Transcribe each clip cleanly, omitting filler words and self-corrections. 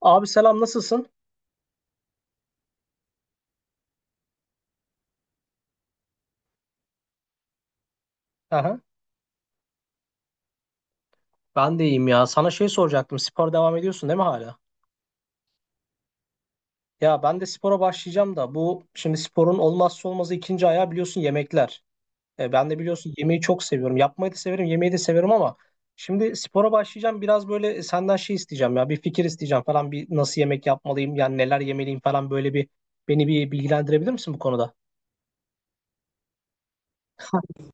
Abi selam nasılsın? Aha, ben de iyiyim ya. Sana şey soracaktım. Spora devam ediyorsun değil mi hala? Ya ben de spora başlayacağım da bu şimdi sporun olmazsa olmazı ikinci ayağı biliyorsun yemekler. Ben de biliyorsun yemeği çok seviyorum. Yapmayı da severim, yemeği de severim ama şimdi spora başlayacağım. Biraz böyle senden şey isteyeceğim ya. Bir fikir isteyeceğim falan. Bir nasıl yemek yapmalıyım? Yani neler yemeliyim falan böyle bir beni bilgilendirebilir misin bu konuda?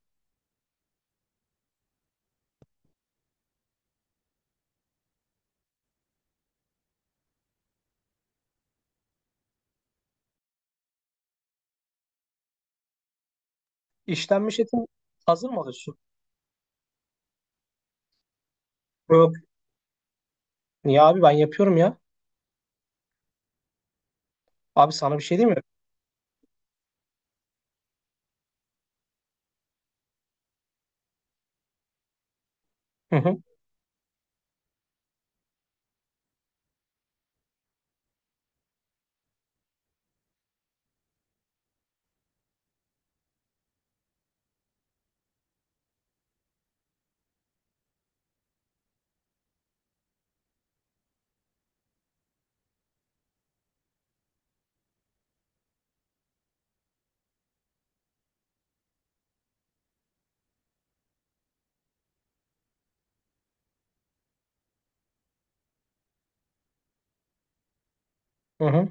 İşlenmiş etin hazır mı alıyorsun? Yok. Niye abi ben yapıyorum ya. Abi sana bir şey diyeyim mi? Hı hı. Hı hı.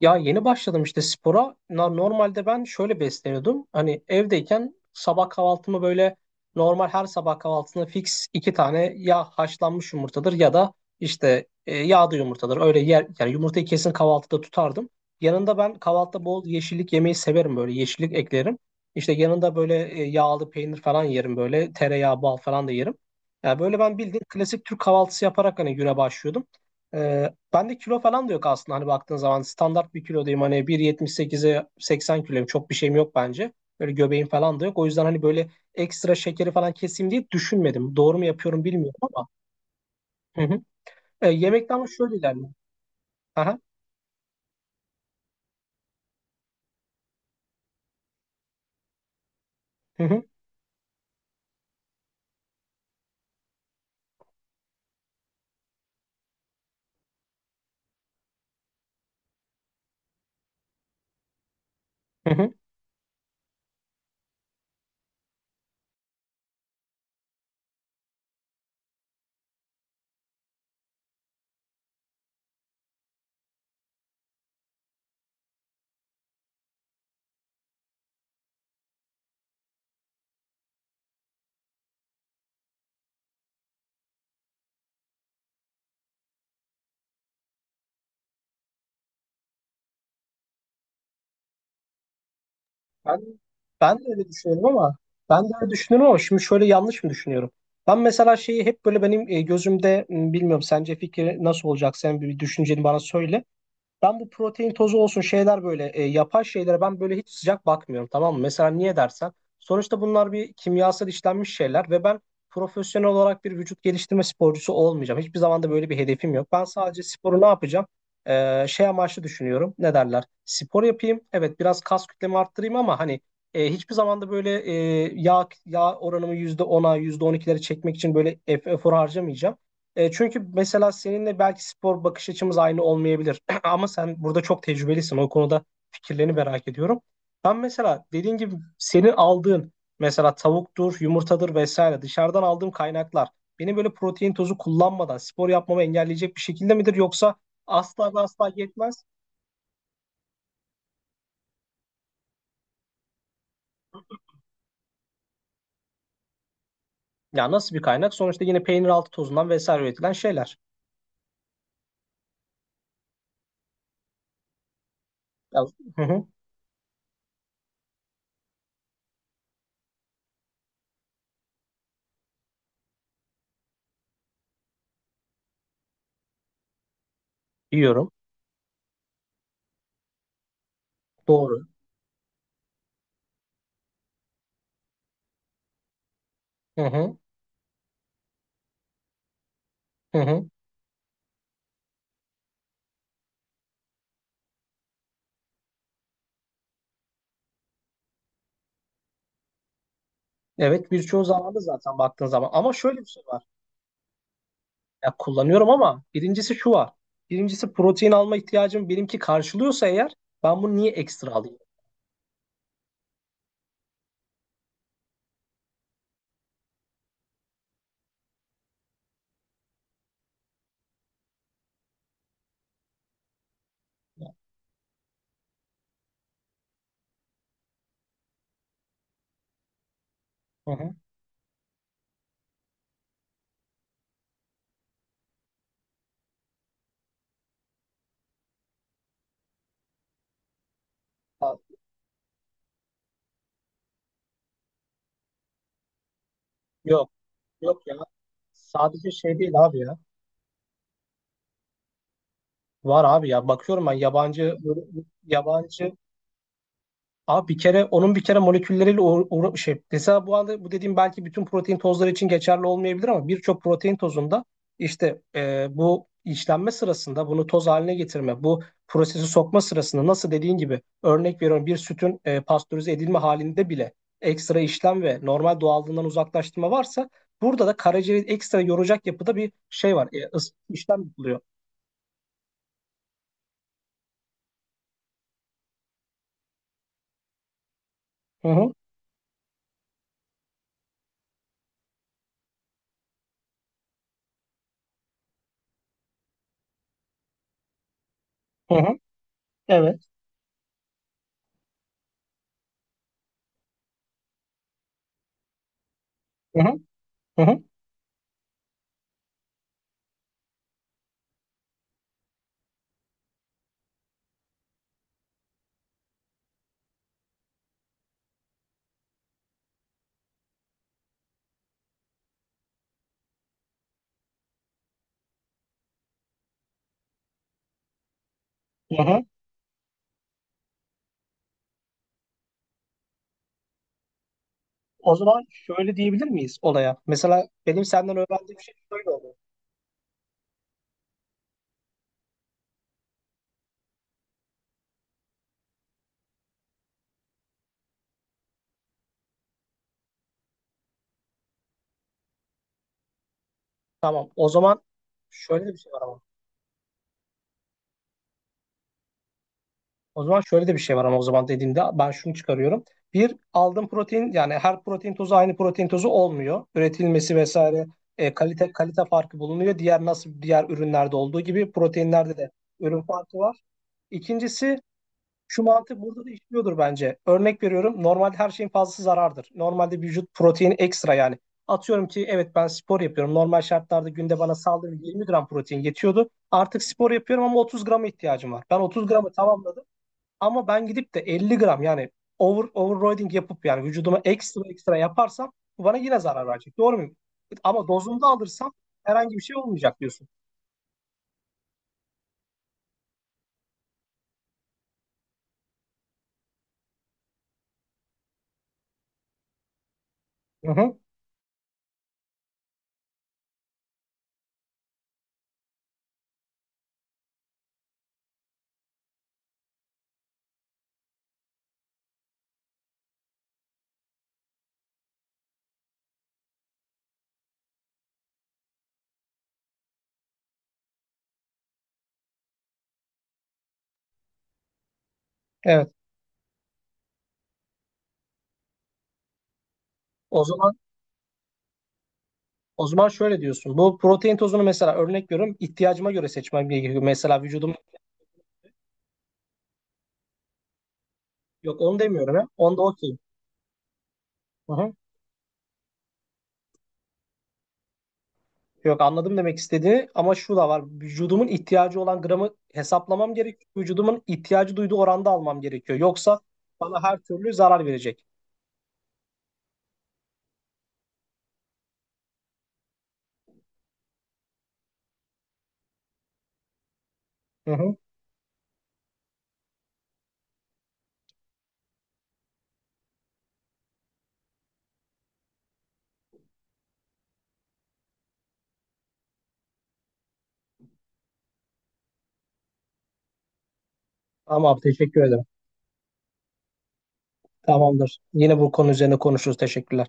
Ya yeni başladım işte spora. Normalde ben şöyle besleniyordum. Hani evdeyken sabah kahvaltımı böyle normal her sabah kahvaltısında fix iki tane ya haşlanmış yumurtadır ya da işte yağda yumurtadır. Öyle yer yani yumurtayı kesin kahvaltıda tutardım. Yanında ben kahvaltıda bol yeşillik yemeyi severim böyle yeşillik eklerim. İşte yanında böyle yağlı peynir falan yerim böyle tereyağı bal falan da yerim. Yani böyle ben bildiğin klasik Türk kahvaltısı yaparak hani güne başlıyordum. Ee, Bende kilo falan da yok aslında hani baktığın zaman standart bir kilodayım hani 1.78'e 80 kiloyum çok bir şeyim yok bence. Böyle göbeğim falan da yok. O yüzden hani böyle ekstra şekeri falan keseyim diye düşünmedim. Doğru mu yapıyorum bilmiyorum ama. Hı hı. Yemekte ama şöyle ilerliyor. Aha. Hı hı. Hı hı. Ben, ben de öyle düşünüyorum ama ben de öyle düşünüyorum ama şimdi şöyle yanlış mı düşünüyorum? Ben mesela şeyi hep böyle benim gözümde bilmiyorum sence fikri nasıl olacak sen bir düşünceni bana söyle. Ben bu protein tozu olsun şeyler böyle yapay şeylere ben böyle hiç sıcak bakmıyorum tamam mı? Mesela niye dersen sonuçta bunlar bir kimyasal işlenmiş şeyler ve ben profesyonel olarak bir vücut geliştirme sporcusu olmayacağım. Hiçbir zaman da böyle bir hedefim yok. Ben sadece sporu ne yapacağım? Şey amaçlı düşünüyorum. Ne derler? Spor yapayım. Evet biraz kas kütlemi arttırayım ama hani hiçbir zaman da böyle yağ oranımı %10'a %12'lere çekmek için böyle efor harcamayacağım. Çünkü mesela seninle belki spor bakış açımız aynı olmayabilir. Ama sen burada çok tecrübelisin. O konuda fikirlerini merak ediyorum. Ben mesela dediğin gibi senin aldığın mesela tavuktur, yumurtadır vesaire dışarıdan aldığım kaynaklar benim böyle protein tozu kullanmadan spor yapmamı engelleyecek bir şekilde midir yoksa asla ve asla yetmez? Ya nasıl bir kaynak? Sonuçta yine peynir altı tozundan vesaire üretilen şeyler. Ya, hı hı, yiyorum. Doğru. Hı hı, hı hı. Evet birçoğu zaman da zaten baktığın zaman. Ama şöyle bir şey var. Ya kullanıyorum ama birincisi şu var. Birincisi protein alma ihtiyacım benimki karşılıyorsa eğer ben bunu niye ekstra alayım? Hı hı. Ha, Yok yok ya. Sadece şey değil abi ya. Var abi ya. Bakıyorum ben yabancı Abi bir kere onun bir kere molekülleriyle şey mesela bu anda bu dediğim belki bütün protein tozları için geçerli olmayabilir ama birçok protein tozunda işte bu işlenme sırasında bunu toz haline getirme, bu prosesi sokma sırasında nasıl dediğin gibi örnek veriyorum bir sütün pastörize edilme halinde bile ekstra işlem ve normal doğallığından uzaklaştırma varsa burada da karaciğeri ekstra yoracak yapıda bir şey var. İşlem yapılıyor. Hı hı, hı hı, evet. Hı hı, hı hı, hı hı. O zaman şöyle diyebilir miyiz olaya? Mesela benim senden öğrendiğim şey şöyle oldu. Tamam. O zaman şöyle de bir şey var ama. O zaman şöyle de bir şey var ama o zaman dediğimde ben şunu çıkarıyorum. Bir aldığım protein yani her protein tozu aynı protein tozu olmuyor. Üretilmesi vesaire kalite farkı bulunuyor. Diğer nasıl diğer ürünlerde olduğu gibi proteinlerde de ürün farkı var. İkincisi şu mantık burada da işliyordur bence. Örnek veriyorum. Normalde her şeyin fazlası zarardır. Normalde vücut protein ekstra yani. Atıyorum ki evet ben spor yapıyorum. Normal şartlarda günde bana saldığım 20 gram protein yetiyordu. Artık spor yapıyorum ama 30 grama ihtiyacım var. Ben 30 gramı tamamladım ama ben gidip de 50 gram yani overloading yapıp yani vücuduma ekstra yaparsam bu bana yine zarar verecek. Doğru muyum? Ama dozunda alırsam herhangi bir şey olmayacak diyorsun. Hı hı. Evet. O zaman O zaman şöyle diyorsun. Bu protein tozunu mesela örnek veriyorum. İhtiyacıma göre seçmem gerekiyor. Mesela vücudum yok onu demiyorum ya. Onda okey. Hı hı. Yok anladım demek istediğini ama şu da var. Vücudumun ihtiyacı olan gramı hesaplamam gerekiyor. Vücudumun ihtiyacı duyduğu oranda almam gerekiyor. Yoksa bana her türlü zarar verecek. Hı hı. Tamam teşekkür ederim. Tamamdır. Yine bu konu üzerine konuşuruz. Teşekkürler.